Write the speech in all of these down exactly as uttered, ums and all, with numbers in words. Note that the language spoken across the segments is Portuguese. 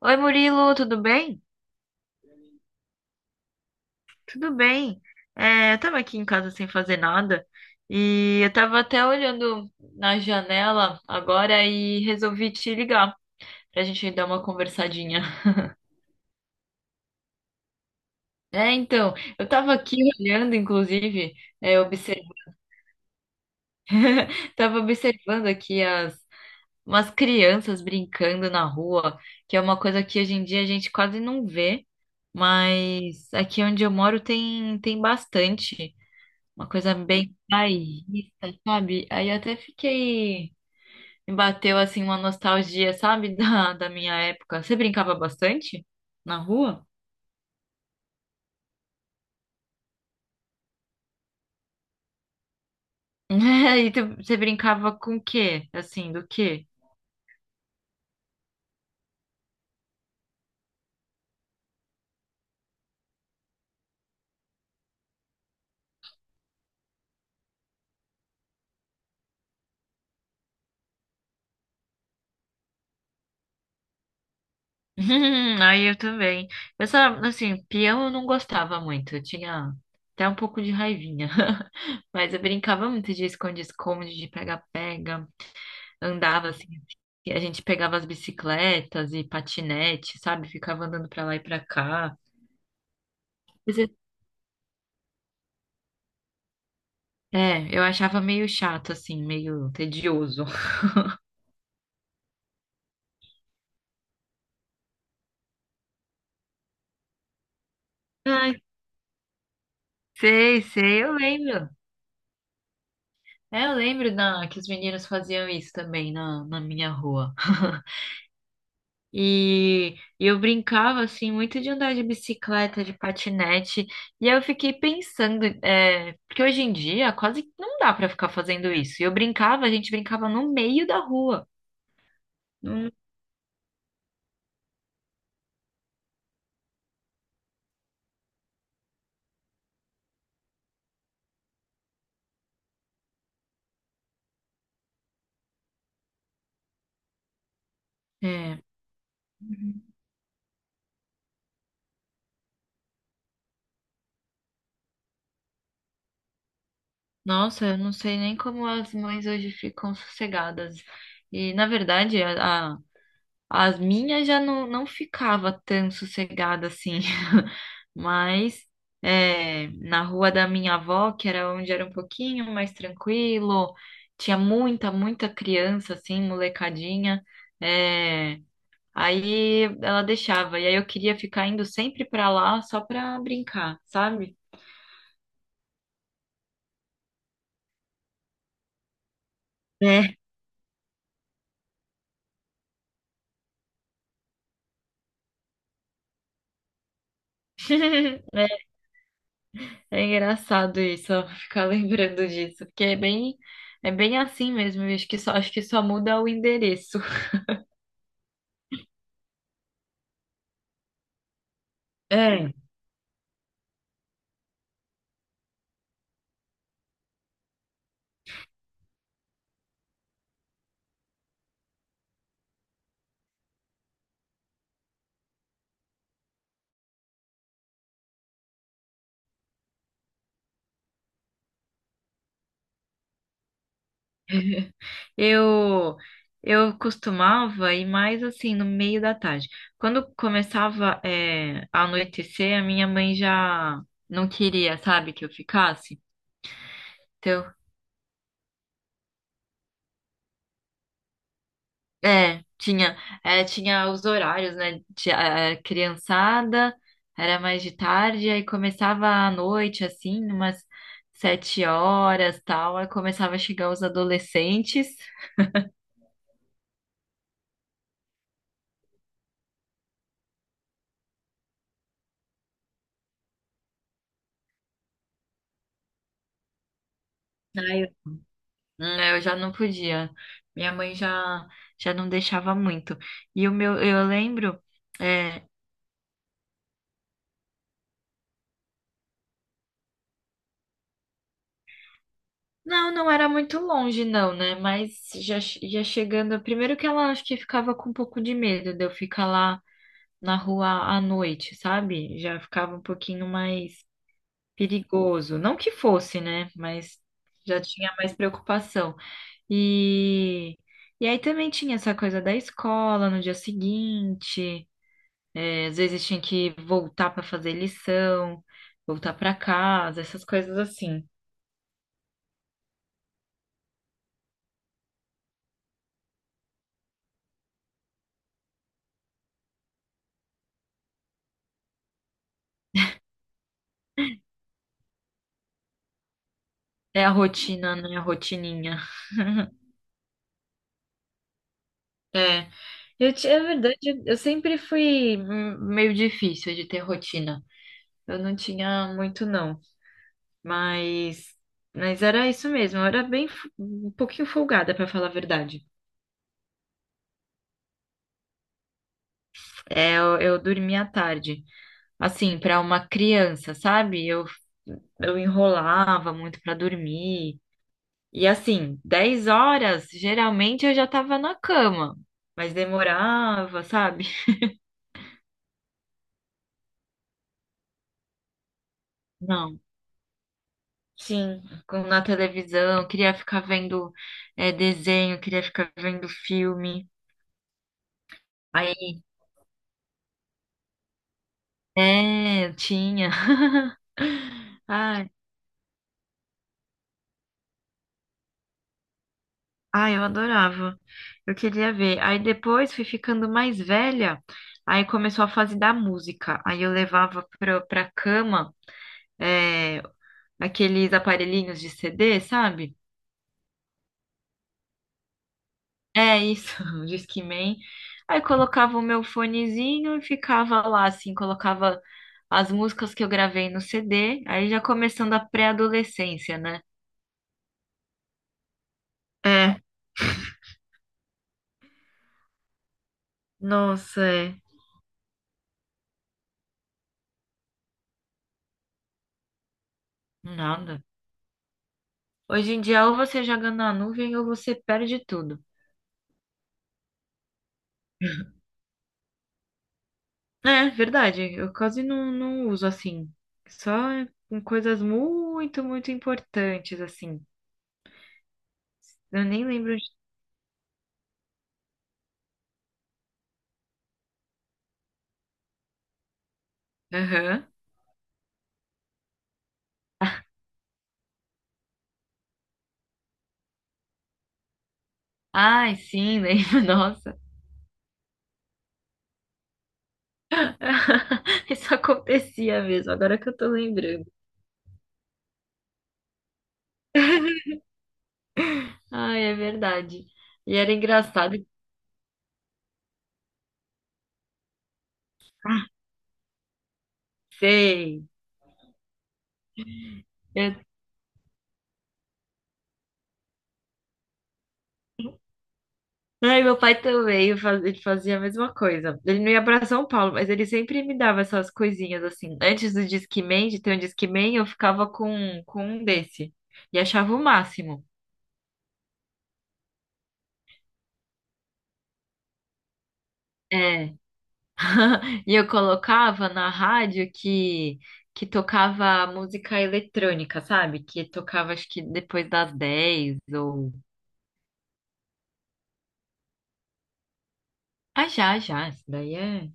Oi, Murilo, tudo bem? Tudo bem. É, eu tava aqui em casa sem fazer nada e eu tava até olhando na janela agora e resolvi te ligar pra gente dar uma conversadinha. É, então, eu tava aqui olhando, inclusive, é, obser- tava observando aqui as umas crianças brincando na rua, que é uma coisa que hoje em dia a gente quase não vê, mas aqui onde eu moro tem, tem bastante. Uma coisa bem bairrista, sabe? Aí eu até fiquei. Me bateu assim uma nostalgia, sabe? Da, da minha época. Você brincava bastante na rua? E tu- você brincava com o quê? Assim, do quê? Aí eu também. Eu só, assim, peão eu não gostava muito. Eu tinha até um pouco de raivinha. Mas eu brincava muito de esconde-esconde, de pega-pega, andava assim, e a gente pegava as bicicletas e patinete, sabe? Ficava andando pra lá e pra cá. Mas é, é, eu achava meio chato, assim, meio tedioso. Ai, sei, sei, eu lembro. É, eu lembro da, que os meninos faziam isso também na, na minha rua. E eu brincava, assim, muito de andar de bicicleta, de patinete. E aí eu fiquei pensando, é, porque hoje em dia quase não dá pra ficar fazendo isso. E eu brincava, a gente brincava no meio da rua. É. Nossa, eu não sei nem como as mães hoje ficam sossegadas. E, na verdade, a, a- as minhas já não, não ficava tão sossegada assim. Mas é, na rua da minha avó, que era onde era um pouquinho mais tranquilo, tinha muita, muita criança, assim, molecadinha. É, aí ela deixava. E aí eu queria ficar indo sempre pra lá só pra brincar, sabe? É. É engraçado isso, ó, ficar lembrando disso, porque é bem, é bem assim mesmo, eu acho que só, acho que só muda o endereço. É. Eu eu costumava ir mais assim no meio da tarde. Quando começava é, a anoitecer, a minha mãe já não queria, sabe, que eu ficasse. Então é, tinha, é, tinha os horários, né? Tinha, é, criançada, era mais de tarde, aí começava à noite, assim, umas sete horas, tal, aí começava a chegar os adolescentes. Aí eu, hum, eu já não podia. Minha mãe já, já não deixava muito. E o meu, eu lembro, é, não, não era muito longe, não, né? Mas já, che- já chegando, primeiro que ela acho que ficava com um pouco de medo de eu ficar lá na rua à noite, sabe? Já ficava um pouquinho mais perigoso. Não que fosse, né? Mas já tinha mais preocupação. E, e aí também tinha essa coisa da escola no dia seguinte, é, às vezes tinha que voltar para fazer lição, voltar para casa, essas coisas assim. É a rotina, né? A rotininha. É. Eu, ti- é verdade, eu sempre fui hum, meio difícil de ter rotina. Eu não tinha muito, não. Mas, mas era isso mesmo. Eu era bem fu- um pouquinho folgada, pra falar a verdade. É, eu, eu dormia à tarde, assim, pra uma criança, sabe? Eu, eu enrolava muito pra dormir. E assim, dez horas, geralmente eu já tava na cama, mas demorava, sabe? Não. Sim, com- na televisão, queria ficar vendo é, desenho, queria ficar vendo filme. Aí, é, tinha. Ai. Ah, eu adorava. Eu queria ver. Aí depois fui ficando mais velha, aí começou a fase da música. Aí eu levava pra, pra cama é, aqueles aparelhinhos de C D, sabe? É isso, o Discman. Aí colocava o meu fonezinho e ficava lá, assim, colocava as músicas que eu gravei no C D. Aí já começando a pré-adolescência, né? É, nossa, é. Nada. Hoje em dia, ou você joga na nuvem ou você perde tudo. É, verdade. Eu quase não, não uso assim. Só com, coisas muito, muito importantes, assim. Eu nem lembro. de- Aham. Ai, sim, lembro. Nossa. Isso acontecia mesmo, agora que eu tô lembrando. Ai, é verdade. E era engraçado. Ah, sei. Ai, meu pai também, eu faz- ele fazia a mesma coisa. Ele não ia pra São Paulo, mas ele sempre me dava essas coisinhas assim. Antes do Discman, de ter um Discman, eu ficava com, com um desse. E achava o máximo. É. E eu colocava na rádio que, que tocava música eletrônica, sabe? Que tocava acho que depois das dez ou. Ah, já, já. Isso daí é,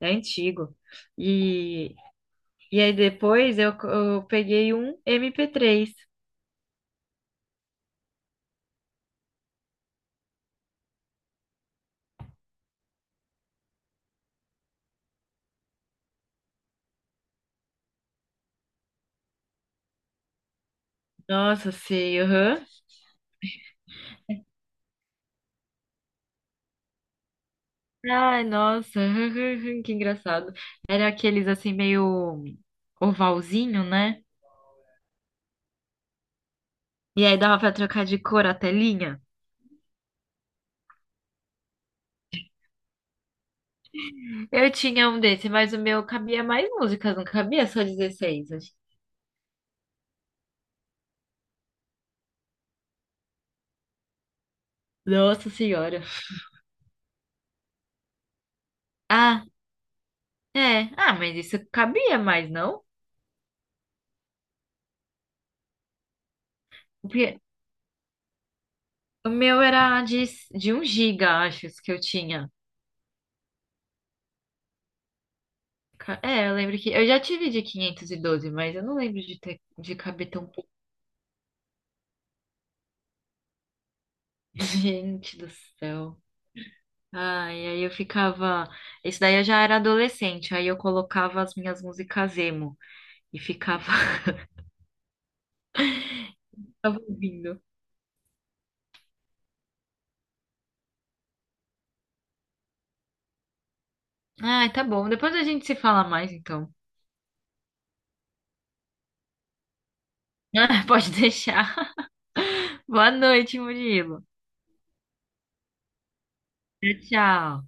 é antigo. E, e aí depois eu, eu peguei um mp três. Nossa, sei, aham. Ai, nossa, que engraçado. Era aqueles assim meio ovalzinho, né? E aí dava pra trocar de cor a telinha. Eu tinha um desse, mas o meu cabia mais músicas, não cabia só dezesseis, acho. Nossa senhora. Ah, é. Ah, mas isso cabia mais, não? Porque o meu era de, de um giga, acho, os que eu tinha. Ca- É, eu lembro que. Eu já tive de quinhentos e doze, mas eu não lembro de ter de caber tão pouco. Gente do céu. Ah, e aí eu ficava. Isso daí eu já era adolescente, aí eu colocava as minhas músicas emo e ficava ficava ouvindo. Ah, tá bom. Depois a gente se fala mais, então. Ah, pode deixar. Boa noite, Murilo. Tchau, tchau.